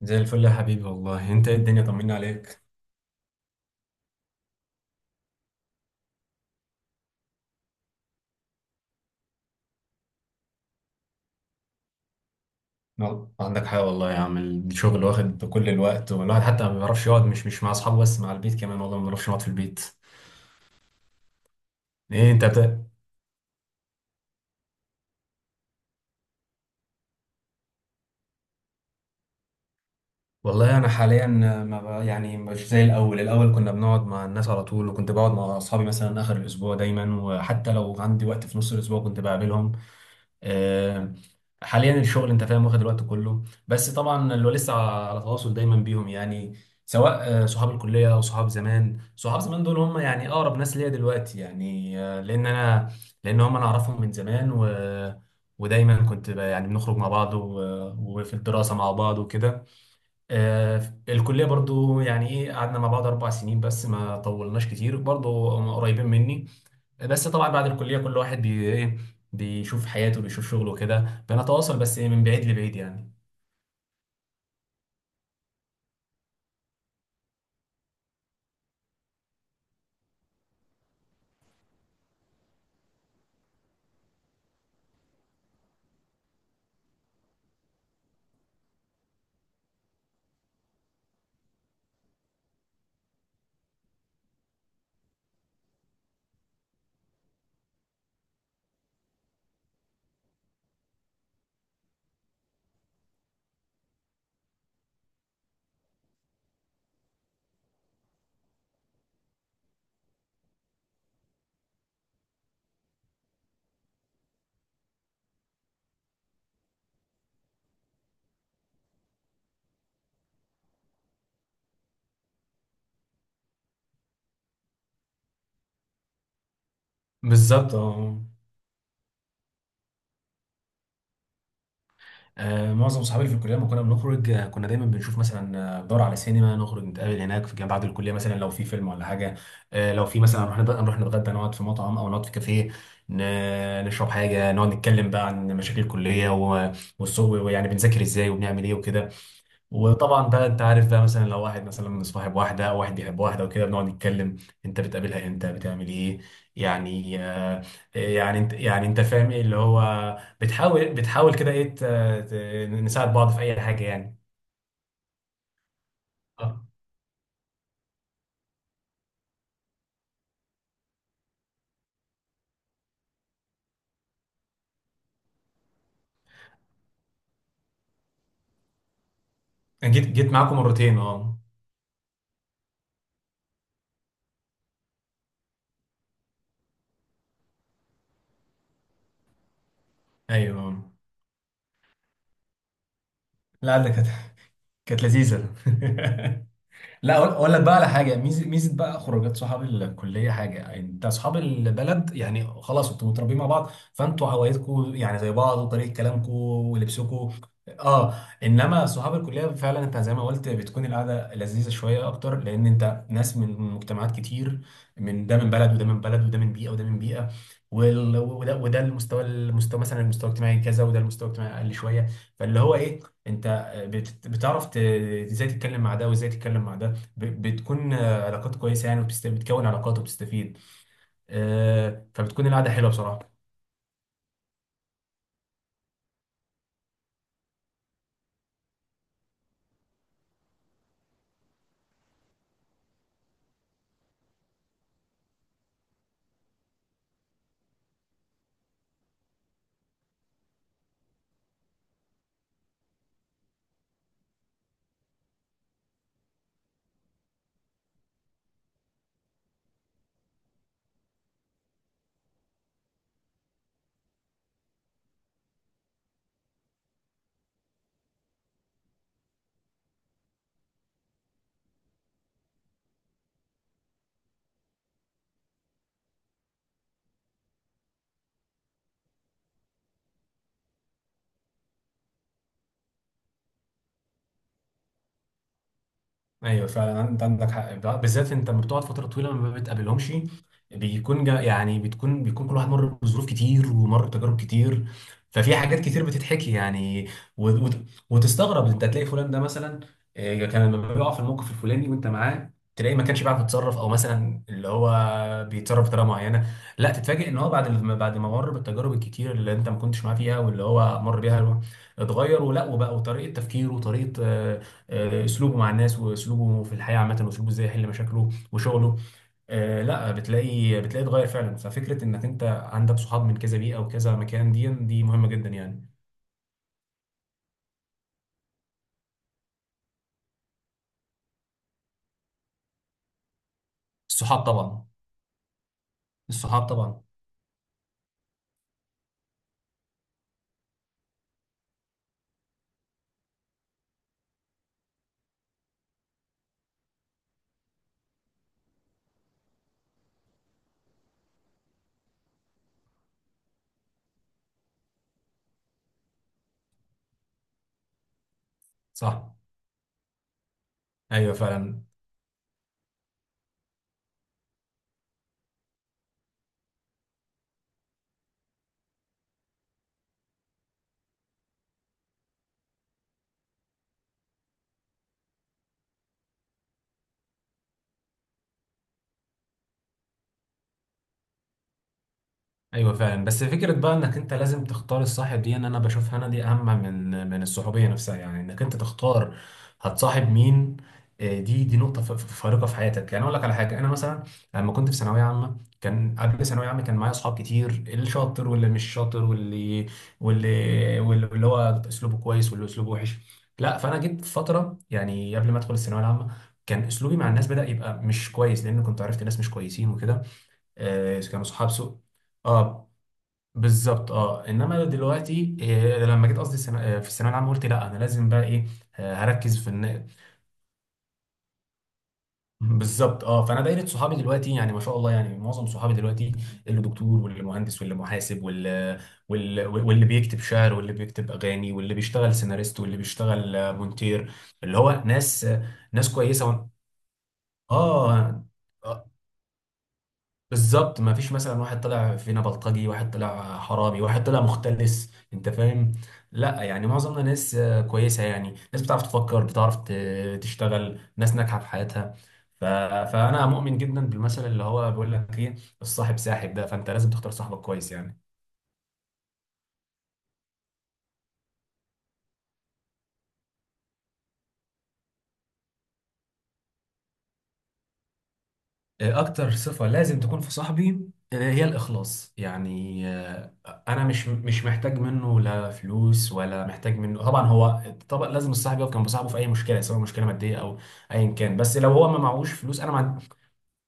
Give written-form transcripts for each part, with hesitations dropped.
زي الفل يا حبيبي، والله انت ايه الدنيا، طمنا عليك. ما عندك حاجه والله يا عم، الشغل واخد كل الوقت، والواحد حتى ما بيعرفش يقعد مش مع اصحابه، بس مع البيت كمان، والله ما بنعرفش نقعد في البيت. ايه انت والله انا حاليا ما ب... يعني مش زي الاول، الاول كنا بنقعد مع الناس على طول، وكنت بقعد مع اصحابي مثلا اخر الاسبوع دايما، وحتى لو عندي وقت في نص الاسبوع كنت بقابلهم. آه، حاليا الشغل انت فاهم، واخد الوقت كله، بس طبعا اللي هو لسه على تواصل دايما بيهم يعني. سواء صحاب الكليه او صحاب زمان، صحاب زمان دول هم يعني اقرب ناس ليا دلوقتي يعني. لان انا اعرفهم من زمان، و ودايما كنت يعني بنخرج مع بعض وفي الدراسه مع بعض وكده. آه، الكليه برضو يعني ايه، قعدنا مع بعض 4 سنين بس، ما طولناش كتير، برضو هم قريبين مني. بس طبعا بعد الكلية كل واحد بي ايه بيشوف حياته، بيشوف شغله كده، بنتواصل بس من بعيد لبعيد يعني. بالظبط، اه. معظم صحابي في الكلية لما كنا بنخرج، كنا دايما بنشوف مثلا، ندور على سينما، نخرج نتقابل هناك في بعد الكلية، مثلا لو في فيلم ولا حاجة. لو في مثلا نروح نروح نتغدى، نقعد في مطعم أو نقعد في كافيه، نشرب حاجة، نقعد نتكلم بقى عن مشاكل الكلية والسوق، ويعني بنذاكر ازاي، وبنعمل ايه وكده. وطبعا بقى انت عارف بقى، مثلا لو واحد مثلا صاحب واحده او واحد بيحب واحده وكده، بنقعد نتكلم انت بتقابلها امتى، بتعمل ايه، يعني يعني انت، فاهم ايه اللي هو. بتحاول كده ايه، نساعد بعض في اي حاجه يعني. اه، جيت معاكم مرتين، اه. ايوه، لا لا، كانت لذيذه. لا، أقول لك بقى على حاجه، ميزه بقى خروجات صحاب الكليه حاجه يعني. انت اصحاب البلد يعني خلاص انتوا متربيين مع بعض، فانتوا هوايتكم يعني زي بعض، وطريقه كلامكم ولبسكم. اه، انما صحاب الكليه فعلا انت زي ما قلت بتكون القعده لذيذه شويه اكتر، لان انت ناس من مجتمعات كتير. من ده من بلد وده من بلد، وده من بيئه وده من بيئه، وده المستوى مثلا، المستوى الاجتماعي كذا، وده المستوى الاجتماعي اقل شويه. فاللي هو ايه، انت بتعرف ازاي تتكلم مع ده، وازاي تتكلم مع ده. بتكون علاقات كويسه يعني، وبتكون علاقات وبتستفيد. فبتكون القعده حلوه بصراحه. ايوه فعلا، انت عندك حق، بالذات انت لما بتقعد فتره طويله ما بتقابلهمش، بيكون جا يعني، بتكون بيكون كل واحد مر بظروف كتير، ومر بتجارب كتير، ففي حاجات كتير بتتحكي يعني. و... و... وتستغرب انت تلاقي فلان ده مثلا، كان لما بيقع في الموقف الفلاني وانت معاه، تلاقيه ما كانش بيعرف يتصرف، او مثلا اللي هو بيتصرف بطريقه معينه. لا تتفاجئ ان هو بعد بعد ما مر بالتجارب الكتير اللي انت ما كنتش معاه فيها واللي هو مر بيها، اتغير ولا وبقى، وطريقه تفكيره وطريقه اسلوبه مع الناس، واسلوبه في الحياه عامه، واسلوبه ازاي يحل مشاكله وشغله. لا، بتلاقي اتغير فعلا. ففكره انك انت عندك صحاب من كذا بيئه وكذا مكان، دي مهمه جدا يعني. الصحاب طبعا، الصحاب طبعا. صح. ايوه فعلا، ايوه فعلا، بس فكره بقى انك انت لازم تختار الصاحب دي، ان انا بشوفها انا دي اهم من الصحوبيه نفسها يعني، انك انت تختار هتصاحب مين. دي نقطه فارقه في حياتك يعني. اقول لك على حاجه، انا مثلا لما كنت في ثانويه عامه، كان قبل ثانويه عامه كان معايا اصحاب كتير، اللي شاطر واللي مش شاطر، واللي هو اسلوبه كويس، واللي اسلوبه وحش. لا، فانا جيت في فتره يعني قبل ما ادخل الثانويه العامه، كان اسلوبي مع الناس بدا يبقى مش كويس، لان كنت عرفت ناس مش كويسين وكده. كانوا صحاب سوء. اه، بالظبط، اه. انما دلوقتي إيه لما جيت قصدي في الثانويه العامه قلت لا انا لازم بقى ايه، هركز في بالظبط، اه. فانا دايره صحابي دلوقتي، يعني ما شاء الله، يعني معظم صحابي دلوقتي اللي دكتور واللي مهندس واللي محاسب واللي بيكتب شعر، واللي بيكتب اغاني، واللي بيشتغل سيناريست، واللي بيشتغل مونتير. اللي هو ناس كويسه اه. آه، بالظبط، ما فيش مثلا واحد طلع فينا بلطجي، واحد طلع حرامي، واحد طلع مختلس، انت فاهم. لا يعني معظمنا ناس كويسه يعني، ناس بتعرف تفكر، بتعرف تشتغل، ناس ناجحه في حياتها. ف... فانا مؤمن جدا بالمثل اللي هو بيقول لك ايه، الصاحب ساحب، ده فانت لازم تختار صاحبك كويس يعني. اكتر صفة لازم تكون في صاحبي هي الاخلاص يعني. انا مش محتاج منه لا فلوس ولا محتاج منه، طبعا لازم الصاحب يقف جنب صاحبه في اي مشكله، سواء مشكله ماديه او ايا كان، بس لو هو ما معهوش فلوس انا ما عند-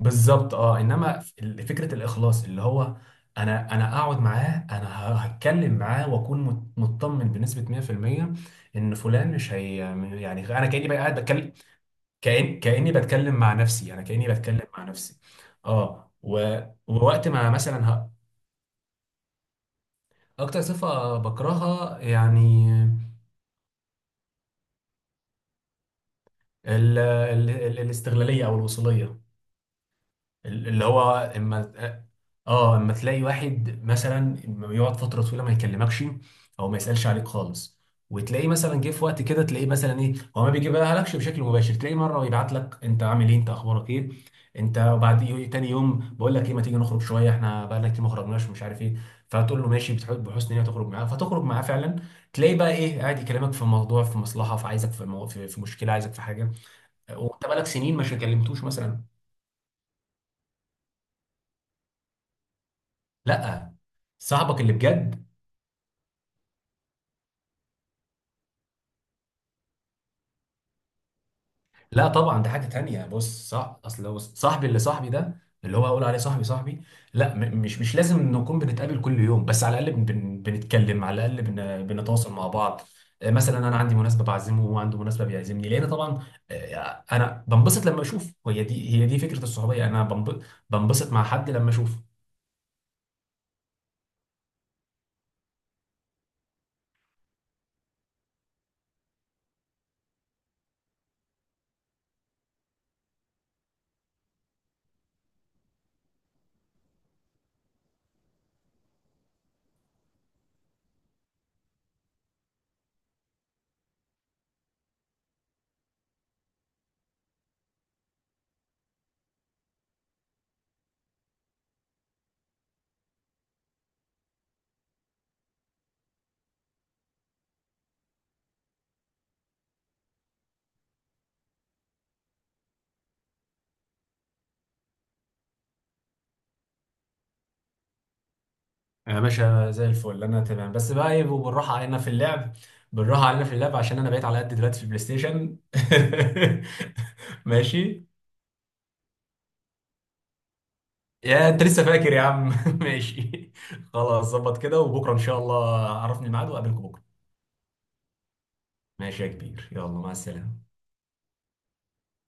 بالظبط، اه. انما فكره الاخلاص اللي هو، انا اقعد معاه، انا هتكلم معاه، واكون مطمن بنسبه 100% ان فلان مش هي، يعني انا كاني بقى قاعد بتكلم، كأني بتكلم مع نفسي، انا كأني بتكلم مع نفسي. اه ووقت ما مثلا اكتر صفة بكرهها يعني الاستغلالية او الوصولية. اللي هو اما اه اما تلاقي واحد مثلا لما يقعد فتره طويله ما يكلمكش او ما يسالش عليك خالص، وتلاقيه مثلا جه في وقت كده، تلاقيه مثلا ايه، هو ما بيجيبها لكش بشكل مباشر، تلاقيه مره يبعت لك انت عامل ايه، انت اخبارك ايه انت، وبعد تاني يوم بقول لك ايه ما تيجي نخرج شويه، احنا بقى لنا كتير ما خرجناش، مش عارف ايه، فتقول له ماشي بتحب بحسن نيه تخرج معاه، فتخرج معاه فعلا، تلاقي بقى ايه قاعد يكلمك في موضوع، في مصلحه، في عايزك، في مشكله، عايزك في حاجه، وانت بقالك سنين مش كلمتوش مثلا. لا، صاحبك اللي بجد، لا طبعا ده حاجة تانية، بص، صح. اصل هو صاحبي اللي صاحبي ده، اللي هو اقول عليه صاحبي صاحبي. لا مش لازم نكون بنتقابل كل يوم، بس على الاقل بنتكلم، على الاقل بنتواصل مع بعض. مثلا انا عندي مناسبة بعزمه، وهو عنده مناسبة بيعزمني، لان طبعا انا بنبسط لما اشوف، هي دي فكرة الصحوبية، انا بنبسط مع حد لما اشوفه. يا باشا زي الفل، انا تمام، بس بقى ايه، بالراحة علينا في اللعب، بالراحة علينا في اللعب، عشان انا بقيت على قد دلوقتي في البلاي ستيشن. ماشي. يا انت لسه فاكر يا عم؟ ماشي، خلاص ظبط كده، وبكره ان شاء الله عرفني الميعاد واقابلكم بكره. ماشي يا كبير، يلا مع السلامه.